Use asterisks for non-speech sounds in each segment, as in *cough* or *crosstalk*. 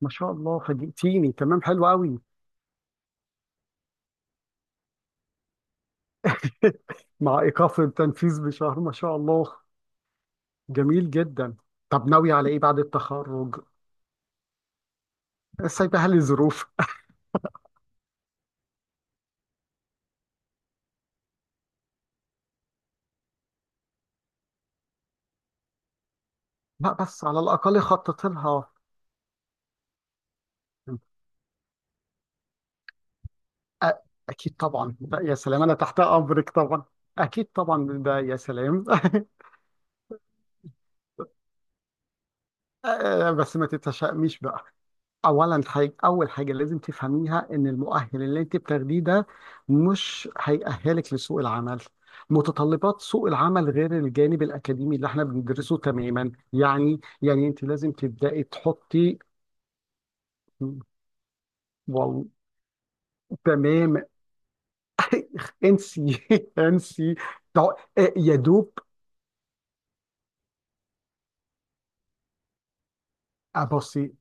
ما شاء الله، فاجئتيني. تمام، حلو قوي. *laughs* مع ايقاف التنفيذ بشهر، ما شاء الله. جميل جدا. طب ناوي على ايه بعد التخرج؟ سايبها لظروف. لا، بس على الاقل خطط لها. أ- اكيد طبعا، لا يا سلام، انا تحت امرك طبعا. اكيد طبعا ده، يا سلام. *laughs* بس ما تتشائميش بقى. اول حاجه لازم تفهميها ان المؤهل اللي انت بتاخديه ده مش هيأهلك لسوق العمل. متطلبات سوق العمل غير الجانب الاكاديمي اللي احنا بندرسه تماما. يعني انت لازم تبداي تحطي. واو، تمام. انسي. *laughs* انسي. طو- يا دوب ابصي.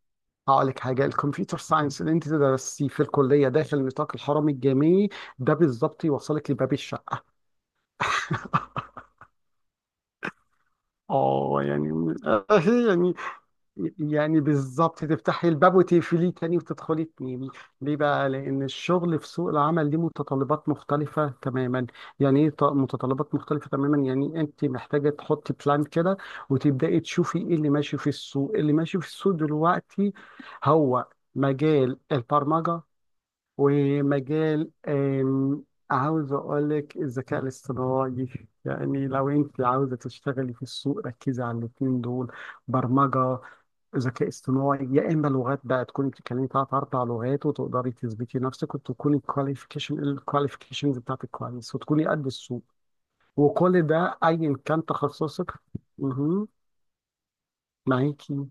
هقول لك حاجه، الكمبيوتر ساينس اللي انت درستيه في الكليه داخل نطاق الحرم الجامعي، ده بالظبط يوصلك لباب الشقه. اه يعني. *laughs* يعني، يعني بالظبط تفتحي الباب وتقفليه تاني وتدخلي تنامي. ليه بقى؟ لان الشغل في سوق العمل ليه متطلبات مختلفه تماما. يعني ايه متطلبات مختلفه تماما؟ يعني انت محتاجه تحطي بلان كده وتبداي تشوفي ايه اللي ماشي في السوق. اللي ماشي في السوق دلوقتي هو مجال البرمجه ومجال، عاوز اقول لك الذكاء الاصطناعي. يعني لو انت عاوزه تشتغلي في السوق، ركزي على الاثنين دول: برمجه، ذكاء اصطناعي. يا اما لغات بقى، تكوني بتتكلمي ثلاث اربع لغات وتقدري تثبتي نفسك وتكوني الكواليفيكيشنز بتاعتك كويس وتكوني قد السوق. وكل ده ايا كان تخصصك مهم. معاكي؟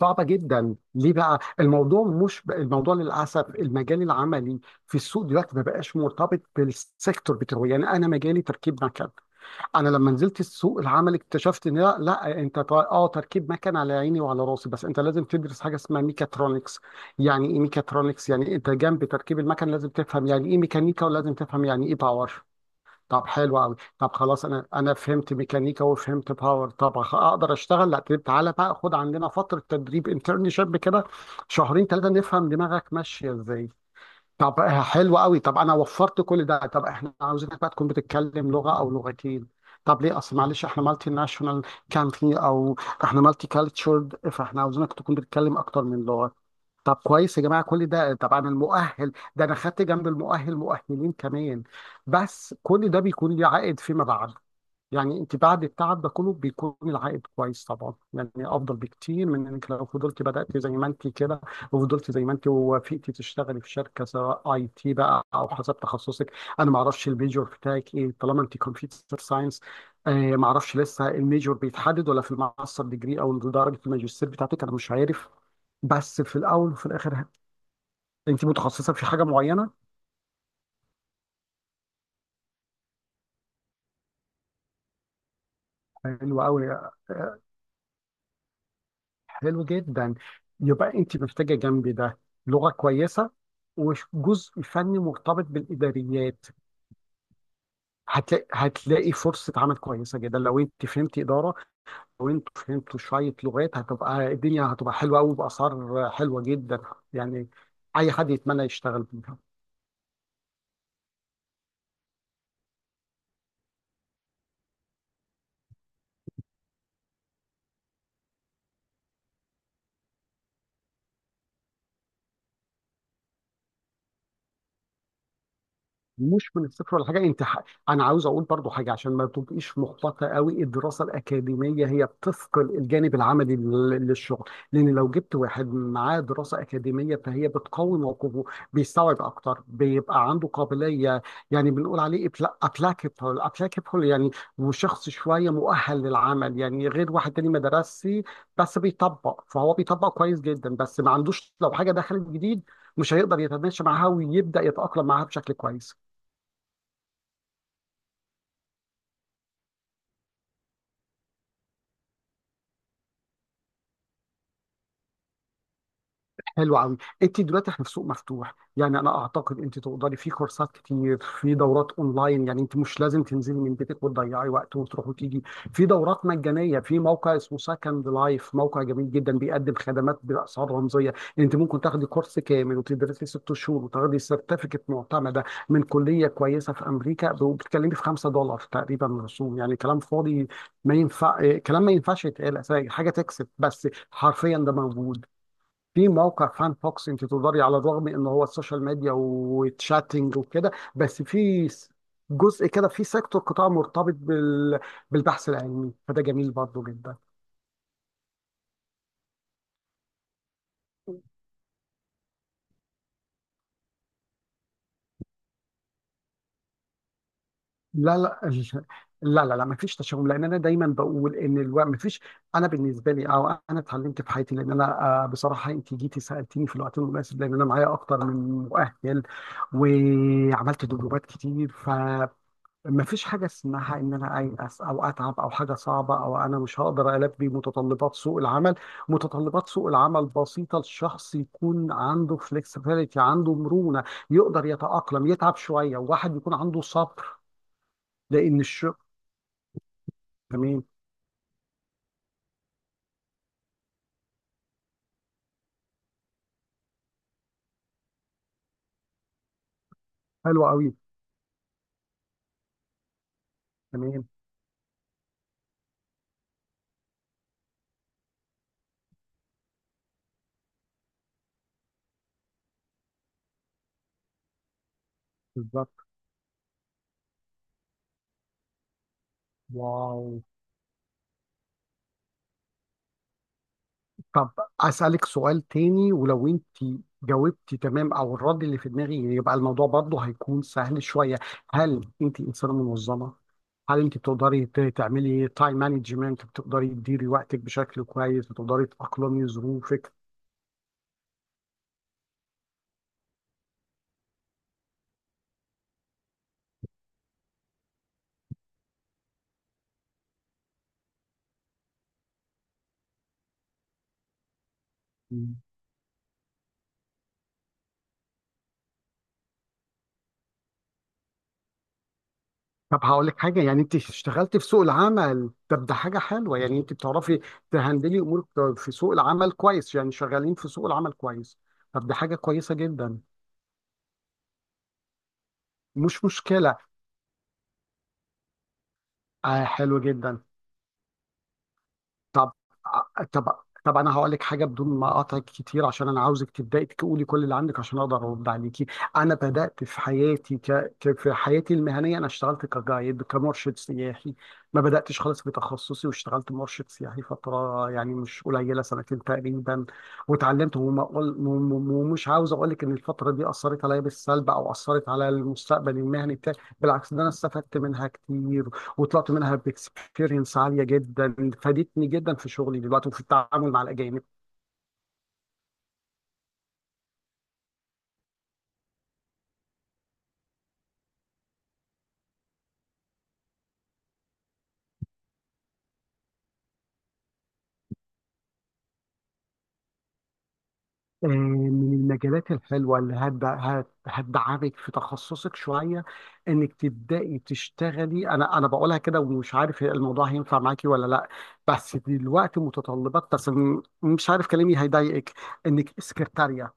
صعبة جدا. ليه بقى؟ الموضوع مش، الموضوع للأسف المجال العملي في السوق دلوقتي ما بقاش مرتبط بالسيكتور بتاعه. يعني أنا مجالي تركيب مكن، انا لما نزلت السوق العمل اكتشفت ان لا, لا، اه، تركيب مكن على عيني وعلى راسي، بس انت لازم تدرس حاجه اسمها ميكاترونكس. يعني ايه ميكاترونكس؟ يعني انت جنب تركيب المكن لازم تفهم يعني ايه ميكانيكا، ولازم تفهم يعني ايه باور. طب حلو قوي، طب خلاص، انا فهمت ميكانيكا وفهمت باور، طب اقدر اشتغل؟ لا، طيب تعالى بقى خد عندنا فتره تدريب، انترنشيب كده شهرين ثلاثه نفهم دماغك ماشيه ازاي. طب، حلو قوي. طب انا وفرت كل ده، طب احنا عاوزينك بقى تكون بتتكلم لغه او لغتين. طب ليه؟ اصل معلش احنا مالتي ناشونال كانتري، او احنا مالتي كالتشرد، فاحنا عاوزينك تكون بتتكلم اكتر من لغه. طب كويس يا جماعه، كل ده طبعا. المؤهل ده انا خدت جنب المؤهل مؤهلين كمان. بس كل ده بيكون ليه عائد فيما بعد. يعني انت بعد التعب ده كله بيكون العائد كويس طبعا، يعني افضل بكتير من انك لو فضلت بدات زي ما انت كده وفضلت زي ما انت ووافقتي تشتغلي في شركه، سواء اي تي بقى او حسب تخصصك. انا ما اعرفش الميجور بتاعك ايه، طالما انت كمبيوتر ساينس ما اعرفش لسه الميجور بيتحدد ولا في الماستر ديجري او درجه الماجستير بتاعتك، انا مش عارف. بس في الاول وفي الاخر انت متخصصه في حاجه معينه. حلو قوي، حلو جدا. يبقى انت محتاجه جنبي ده لغه كويسه وجزء فني مرتبط بالاداريات. هتلاقي، هتلاقي فرصه عمل كويسه جدا لو انت فهمت اداره، لو انت فهمت شويه لغات هتبقى الدنيا، هتبقى حلوه قوي، باسعار حلوه جدا، يعني اي حد يتمنى يشتغل بيها. مش من الصفر ولا حاجه، انا عاوز اقول برضو حاجه عشان ما تبقيش محبطه قوي. الدراسه الاكاديميه هي بتثقل الجانب العملي للشغل، لان لو جبت واحد معاه دراسه اكاديميه فهي بتقوي موقفه، بيستوعب اكتر، بيبقى عنده قابليه، يعني بنقول عليه ابلاكابل، ابلاكابل يعني، وشخص شويه مؤهل للعمل، يعني غير واحد تاني ما درسش، بس بيطبق، فهو بيطبق كويس جدا بس ما عندوش، لو حاجه دخلت جديد مش هيقدر يتماشى معاها ويبدأ يتأقلم معاها بشكل كويس. حلو قوي. انت دلوقتي، احنا في سوق مفتوح، يعني انا اعتقد انت تقدري في كورسات كتير، في دورات اونلاين، يعني انت مش لازم تنزلي من بيتك وتضيعي وقت وتروحي وتيجي. في دورات مجانيه، في موقع اسمه سكند لايف، موقع جميل جدا، بيقدم خدمات باسعار رمزيه. انت ممكن تاخدي كورس كامل وتدرسي ست شهور وتاخدي سيرتيفيكت معتمده من كليه كويسه في امريكا، وبتتكلمي في $5 تقريبا رسوم. يعني كلام فاضي، ما ينفع كلام، ما ينفعش يتقال أساساً، حاجه تكسب، بس حرفيا ده موجود. في موقع فان فوكس، انت تقدري على الرغم ان هو السوشيال ميديا وتشاتنج وكده، بس جزء كده، في سيكتور قطاع مرتبط بالبحث العلمي، فده جميل برضه جدا. لا لا. *laughs* لا لا لا، ما فيش تشاؤم، لان انا دايما بقول ان الوقت ما فيش. انا بالنسبه لي، او انا اتعلمت في حياتي، لان انا، بصراحه انت جيتي سالتيني في الوقت المناسب، لان انا معايا اكتر من مؤهل، وعملت دبلومات كتير، مفيش حاجة اسمها إن أنا أيأس أو أتعب أو حاجة صعبة أو أنا مش هقدر ألبي متطلبات سوق العمل، متطلبات سوق العمل بسيطة، الشخص يكون عنده فليكسبيليتي، عنده مرونة، يقدر يتأقلم، يتعب شوية، وواحد يكون عنده صبر لأن الشغل، تمام، حلو قوي، تمام، بالظبط، واو. طب أسألك سؤال تاني، ولو أنت جاوبتي تمام أو الرد اللي في دماغي يبقى الموضوع برضه هيكون سهل شوية. هل أنت إنسانة منظمة؟ هل انت بتقدري تعملي تايم مانجمنت؟ بتقدري تديري وقتك بشكل كويس؟ بتقدري تأقلمي ظروفك؟ مم. طب هقول لك حاجه، يعني انت اشتغلت في سوق العمل، طب ده حاجه حلوه، يعني انت بتعرفي تهندلي امورك في سوق العمل كويس، يعني شغالين في سوق العمل كويس، طب ده حاجه كويسه جدا. مش مشكله. آه، حلو جدا. طب طب طب انا هقول لك حاجه بدون ما اقاطعك كتير، عشان انا عاوزك تبداي تقولي كل اللي عندك عشان اقدر ارد عليكي. انا بدات في حياتي في حياتي المهنيه انا اشتغلت كجايد، كمرشد سياحي. ما بداتش خالص في تخصصي، واشتغلت مرشد سياحي فتره يعني مش قليله، سنتين تقريبا، واتعلمت، وما أقول... وم- وم- ومش عاوز اقول لك ان الفتره دي اثرت عليا بالسلب او اثرت على المستقبل المهني بتاعي، بالعكس ده انا استفدت منها كتير، وطلعت منها باكسبيرينس عاليه جدا، فادتني جدا في شغلي دلوقتي وفي التعامل مع الاجانب. آه، من المجالات الحلوه اللي هتدعمك في تخصصك شويه انك تبداي تشتغلي، انا بقولها كده ومش عارف الموضوع هينفع معاكي ولا لا، بس دلوقتي متطلبات، بس مش عارف كلامي هيضايقك، انك سكرتاريه.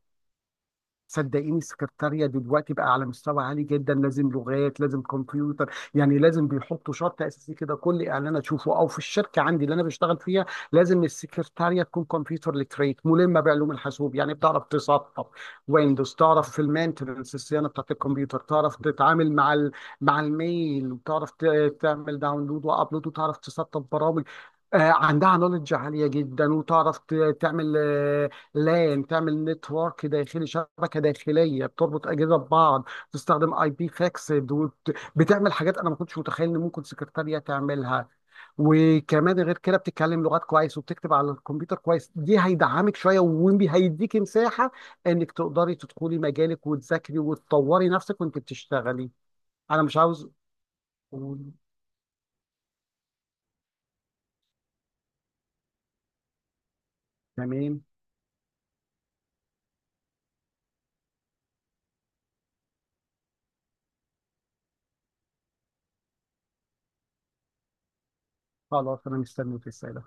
صدقيني السكرتارية دلوقتي بقى على مستوى عالي جدا، لازم لغات، لازم كمبيوتر، يعني لازم، بيحطوا شرط اساسي كده كل اعلان اشوفه او في الشركه عندي اللي انا بشتغل فيها، لازم السكرتارية تكون كمبيوتر ليتريت، ملمه بعلوم الحاسوب، يعني بتعرف تسطب ويندوز، تعرف في المينتنس، الصيانه بتاعت الكمبيوتر، تعرف تتعامل مع الميل، وتعرف تعمل داونلود وابلود، وتعرف تسطب برامج، آه، عندها نولج عالية جدا، وتعرف تعمل، لان تعمل نتورك داخلي، شبكه داخليه بتربط اجهزه ببعض، تستخدم اي بي فاكسد، بتعمل حاجات انا ما كنتش متخيل ان ممكن سكرتاريه تعملها، وكمان غير كده بتتكلم لغات كويس وبتكتب على الكمبيوتر كويس، دي هيدعمك شويه وهيديكي مساحه انك تقدري تدخلي مجالك وتذاكري وتطوري نفسك وانت بتشتغلي. انا مش عاوز، تمام، خلاص انا مستنيك، السلام.